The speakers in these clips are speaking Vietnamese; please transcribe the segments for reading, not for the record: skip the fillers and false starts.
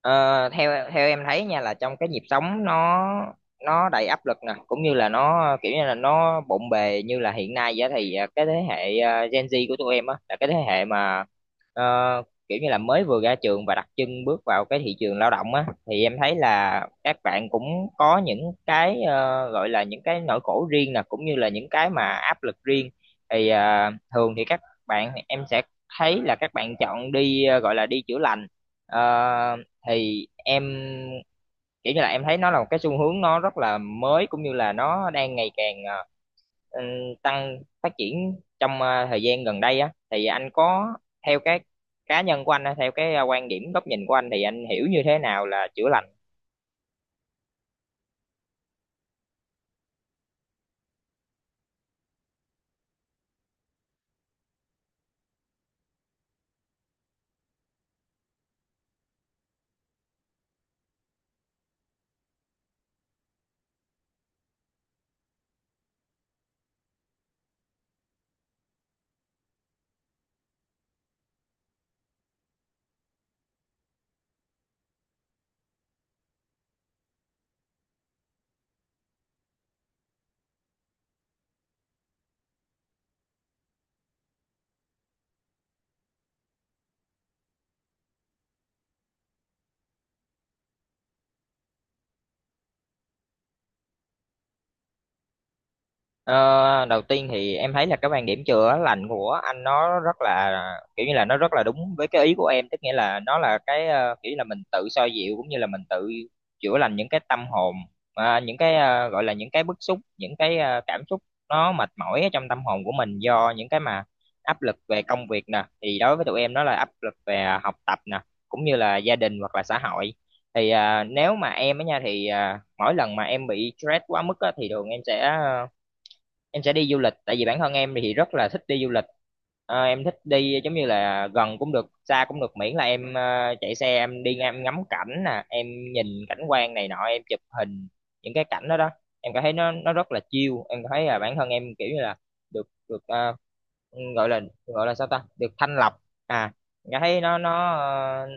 Ờ, theo theo em thấy nha là trong cái nhịp sống nó đầy áp lực nè, cũng như là nó kiểu như là nó bộn bề như là hiện nay vậy, thì cái thế hệ Gen Z của tụi em á là cái thế hệ mà ờ, kiểu như là mới vừa ra trường và đặt chân bước vào cái thị trường lao động á, thì em thấy là các bạn cũng có những cái gọi là những cái nỗi khổ riêng nè, cũng như là những cái mà áp lực riêng. Thì thường thì các bạn em sẽ thấy là các bạn chọn đi gọi là đi chữa lành. Ờ, thì em kiểu như là em thấy nó là một cái xu hướng nó rất là mới, cũng như là nó đang ngày càng ừ, tăng phát triển trong thời gian gần đây á, thì anh có theo cái cá nhân của anh á, theo cái quan điểm góc nhìn của anh, thì anh hiểu như thế nào là chữa lành? Ờ, đầu tiên thì em thấy là cái quan điểm chữa lành của anh nó rất là kiểu như là nó rất là đúng với cái ý của em, tức nghĩa là nó là cái kiểu như là mình tự xoa dịu, cũng như là mình tự chữa lành những cái tâm hồn, những cái gọi là những cái bức xúc, những cái cảm xúc nó mệt mỏi ở trong tâm hồn của mình do những cái mà áp lực về công việc nè, thì đối với tụi em nó là áp lực về học tập nè, cũng như là gia đình hoặc là xã hội. Thì nếu mà em á nha, thì mỗi lần mà em bị stress quá mức á, thì thường em sẽ em sẽ đi du lịch, tại vì bản thân em thì rất là thích đi du lịch. Ờ, em thích đi giống như là gần cũng được xa cũng được, miễn là em chạy xe em đi ngang em ngắm cảnh nè, em nhìn cảnh quan này nọ, em chụp hình những cái cảnh đó đó, em cảm thấy nó rất là chill. Em cảm thấy là bản thân em kiểu như là được được ờ, gọi là gọi là sao ta, được thanh lọc. À, em cảm thấy nó nó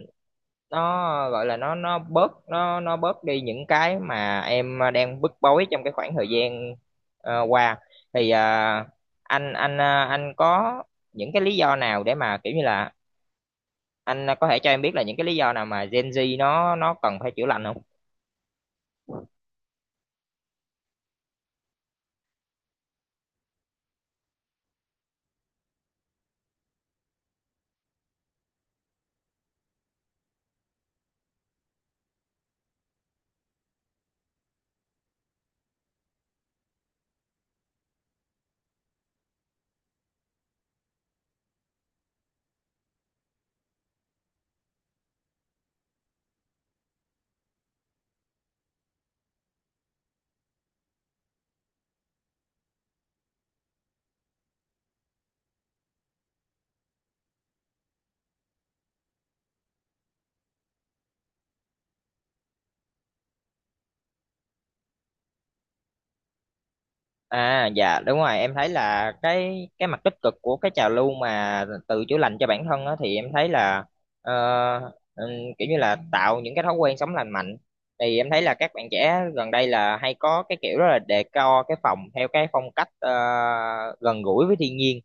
nó gọi là nó bớt, nó bớt đi những cái mà em đang bức bối trong cái khoảng thời gian qua. Thì anh có những cái lý do nào để mà kiểu như là anh có thể cho em biết là những cái lý do nào mà Gen Z nó cần phải chữa lành không? À dạ đúng rồi, em thấy là cái mặt tích cực của cái trào lưu mà tự chữa lành cho bản thân á, thì em thấy là ờ, ừm, kiểu như là tạo những cái thói quen sống lành mạnh. Thì em thấy là các bạn trẻ gần đây là hay có cái kiểu rất là decor cái phòng theo cái phong cách gần gũi với thiên nhiên.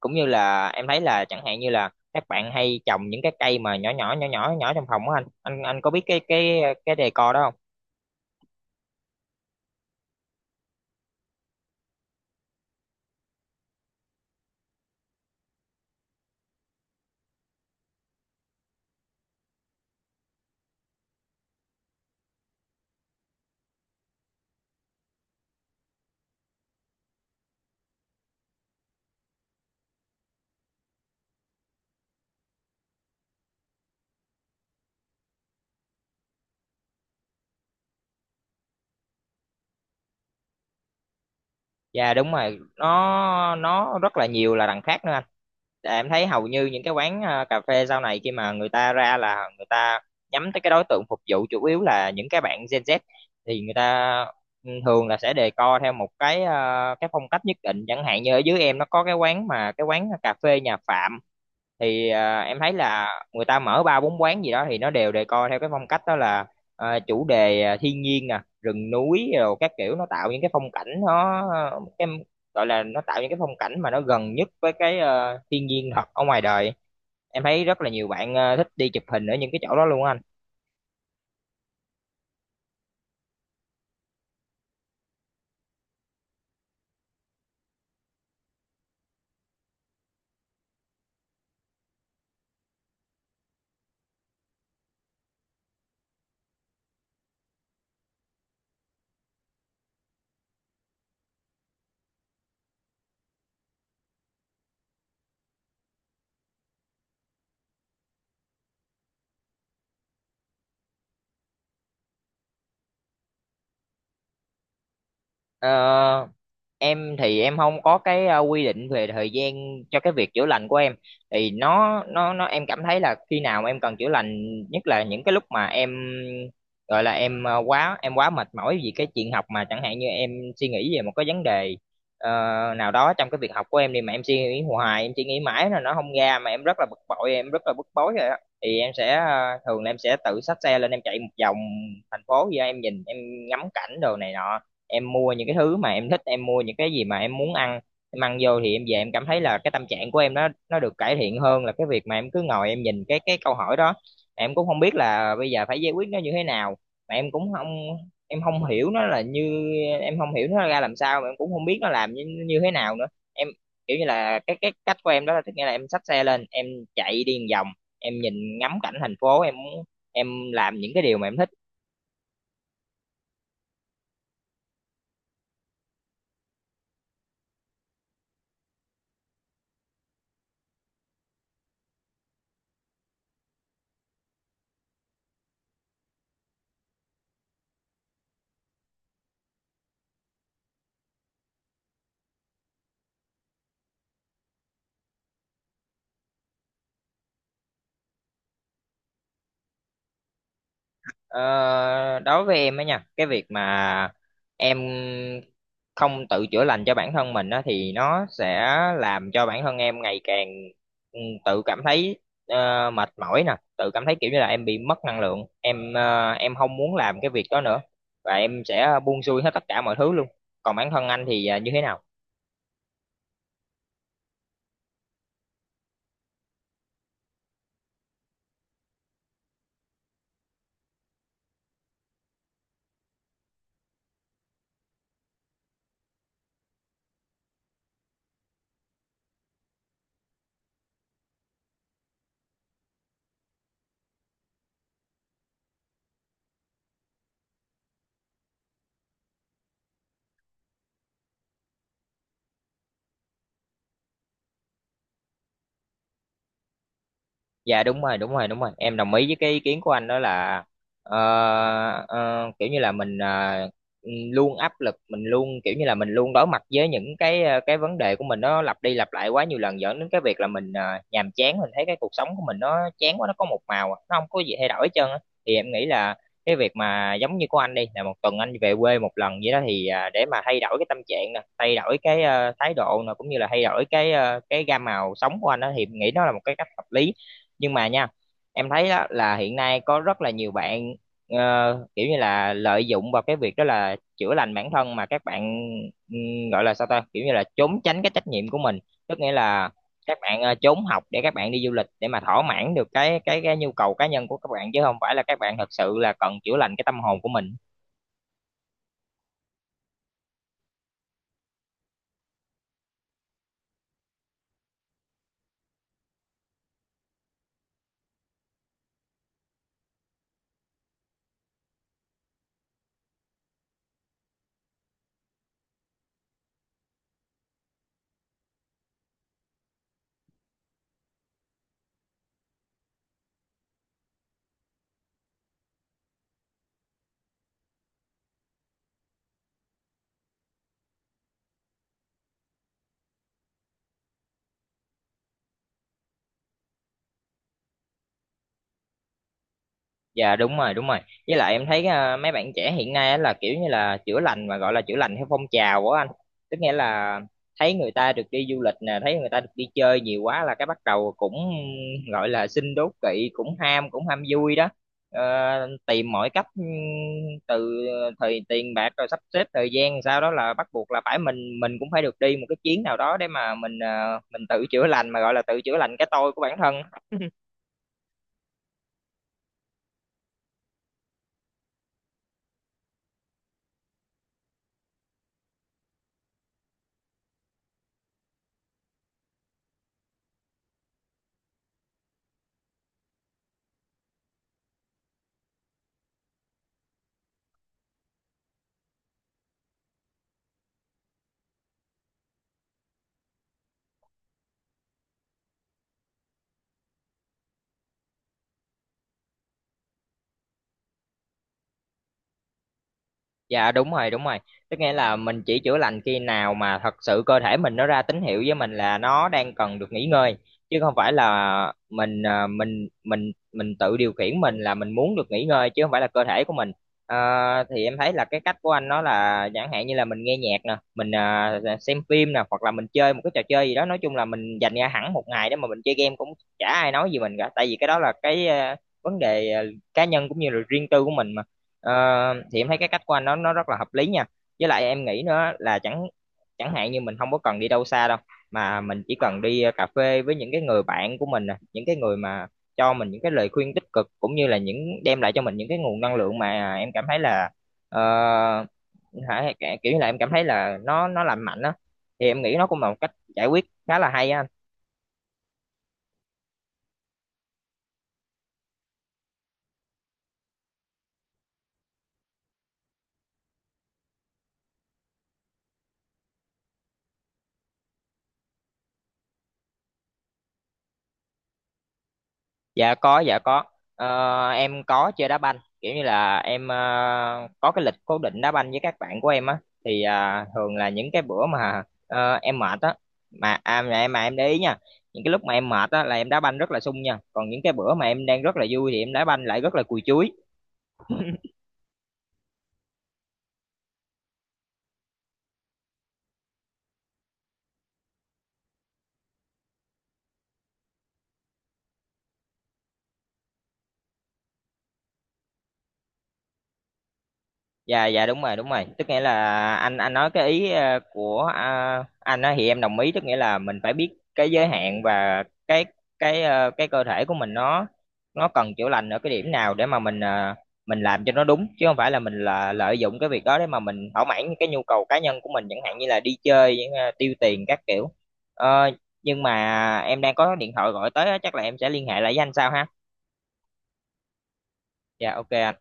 Cũng như là em thấy là chẳng hạn như là các bạn hay trồng những cái cây mà nhỏ nhỏ nhỏ nhỏ nhỏ trong phòng á, anh có biết cái cái decor đó không? Dạ đúng rồi, nó rất là nhiều là đằng khác nữa anh. Tại em thấy hầu như những cái quán cà phê sau này khi mà người ta ra là người ta nhắm tới cái đối tượng phục vụ chủ yếu là những cái bạn Gen Z, thì người ta thường là sẽ đề co theo một cái cái phong cách nhất định. Chẳng hạn như ở dưới em nó có cái quán mà cái quán cà phê nhà Phạm, thì em thấy là người ta mở ba bốn quán gì đó thì nó đều đề co theo cái phong cách đó là chủ đề thiên nhiên nè, rừng núi, rồi các kiểu nó tạo những cái phong cảnh nó em gọi là nó tạo những cái phong cảnh mà nó gần nhất với cái thiên nhiên thật ở ngoài đời. Em thấy rất là nhiều bạn thích đi chụp hình ở những cái chỗ đó luôn á anh. Ờ, em thì em không có cái quy định về thời gian cho cái việc chữa lành của em. Thì nó em cảm thấy là khi nào em cần chữa lành nhất là những cái lúc mà em gọi là em quá mệt mỏi vì cái chuyện học, mà chẳng hạn như em suy nghĩ về một cái vấn đề ờ, nào đó trong cái việc học của em đi, mà em suy nghĩ hoài em suy nghĩ mãi là nó không ra, mà em rất là bực bội em rất là bức bối rồi á, thì em sẽ thường là em sẽ tự xách xe lên em chạy một vòng thành phố vậy á, em nhìn em ngắm cảnh đồ này nọ, em mua những cái thứ mà em thích, em mua những cái gì mà em muốn ăn, em ăn vô thì em về em cảm thấy là cái tâm trạng của em nó được cải thiện hơn là cái việc mà em cứ ngồi em nhìn cái câu hỏi đó, em cũng không biết là bây giờ phải giải quyết nó như thế nào, mà em cũng không em không hiểu nó là như em không hiểu nó ra làm sao, mà em cũng không biết nó làm như thế nào nữa. Em kiểu như là cái cách của em đó là, tức nghĩa là em xách xe lên em chạy đi một vòng, em nhìn ngắm cảnh thành phố, em muốn em làm những cái điều mà em thích. Ờ, đối với em á nha, cái việc mà em không tự chữa lành cho bản thân mình á, thì nó sẽ làm cho bản thân em ngày càng tự cảm thấy mệt mỏi nè, tự cảm thấy kiểu như là em bị mất năng lượng, em em không muốn làm cái việc đó nữa và em sẽ buông xuôi hết tất cả mọi thứ luôn. Còn bản thân anh thì như thế nào? Dạ đúng rồi, đúng rồi, đúng rồi, em đồng ý với cái ý kiến của anh đó là ờ, kiểu như là mình luôn áp lực, mình luôn kiểu như là mình luôn đối mặt với những cái cái vấn đề của mình nó lặp đi lặp lại quá nhiều lần, dẫn đến cái việc là mình nhàm chán, mình thấy cái cuộc sống của mình nó chán quá, nó có một màu, nó không có gì thay đổi hết trơn á. Thì em nghĩ là cái việc mà giống như của anh đi, là một tuần anh về quê một lần vậy đó, thì để mà thay đổi cái tâm trạng nè, thay đổi cái thái độ nè, cũng như là thay đổi cái cái gam màu sống của anh đó, thì em nghĩ nó là một cái cách hợp lý. Nhưng mà nha, em thấy đó là hiện nay có rất là nhiều bạn kiểu như là lợi dụng vào cái việc đó là chữa lành bản thân, mà các bạn gọi là sao ta, kiểu như là trốn tránh cái trách nhiệm của mình. Tức nghĩa là các bạn trốn học để các bạn đi du lịch, để mà thỏa mãn được cái nhu cầu cá nhân của các bạn, chứ không phải là các bạn thật sự là cần chữa lành cái tâm hồn của mình. Dạ đúng rồi, đúng rồi. Với lại em thấy à, mấy bạn trẻ hiện nay á là kiểu như là chữa lành, mà gọi là chữa lành theo phong trào của anh, tức nghĩa là thấy người ta được đi du lịch nè, thấy người ta được đi chơi nhiều quá, là cái bắt đầu cũng gọi là xin đố kỵ, cũng ham, cũng ham vui đó. Ờ, tìm mọi cách từ thời tiền bạc, rồi sắp xếp thời gian, sau đó là bắt buộc là phải mình cũng phải được đi một cái chuyến nào đó để mà mình mình tự chữa lành, mà gọi là tự chữa lành cái tôi của bản thân. Dạ đúng rồi, đúng rồi. Tức nghĩa là mình chỉ chữa lành khi nào mà thật sự cơ thể mình nó ra tín hiệu với mình là nó đang cần được nghỉ ngơi, chứ không phải là mình mình tự điều khiển mình là mình muốn được nghỉ ngơi chứ không phải là cơ thể của mình. Ờ, thì em thấy là cái cách của anh nó là chẳng hạn như là mình nghe nhạc nè, mình xem phim nè, hoặc là mình chơi một cái trò chơi gì đó, nói chung là mình dành ra hẳn một ngày để mà mình chơi game cũng chả ai nói gì mình cả, tại vì cái đó là cái vấn đề cá nhân, cũng như là riêng tư của mình mà. Ờ, thì em thấy cái cách của anh nó rất là hợp lý nha. Với lại em nghĩ nữa là chẳng chẳng hạn như mình không có cần đi đâu xa đâu, mà mình chỉ cần đi cà phê với những cái người bạn của mình nè, những cái người mà cho mình những cái lời khuyên tích cực, cũng như là những đem lại cho mình những cái nguồn năng lượng mà em cảm thấy là ờ, hả, kiểu như là em cảm thấy là nó lành mạnh á, thì em nghĩ nó cũng là một cách giải quyết khá là hay á anh. Dạ có, dạ có. Ờ, em có chơi đá banh, kiểu như là em có cái lịch cố định đá banh với các bạn của em á, thì thường là những cái bữa mà em mệt á, mà em để ý nha, những cái lúc mà em mệt á là em đá banh rất là sung nha, còn những cái bữa mà em đang rất là vui thì em đá banh lại rất là cùi chuối. Dạ dạ đúng rồi, đúng rồi. Tức nghĩa là anh nói cái ý của anh á thì em đồng ý, tức nghĩa là mình phải biết cái giới hạn và cái cơ thể của mình nó cần chữa lành ở cái điểm nào để mà mình mình làm cho nó đúng, chứ không phải là mình là lợi dụng cái việc đó để mà mình thỏa mãn những cái nhu cầu cá nhân của mình, chẳng hạn như là đi chơi tiêu tiền các kiểu. Ờ, nhưng mà em đang có điện thoại gọi tới á, chắc là em sẽ liên hệ lại với anh sau ha. Dạ ok anh.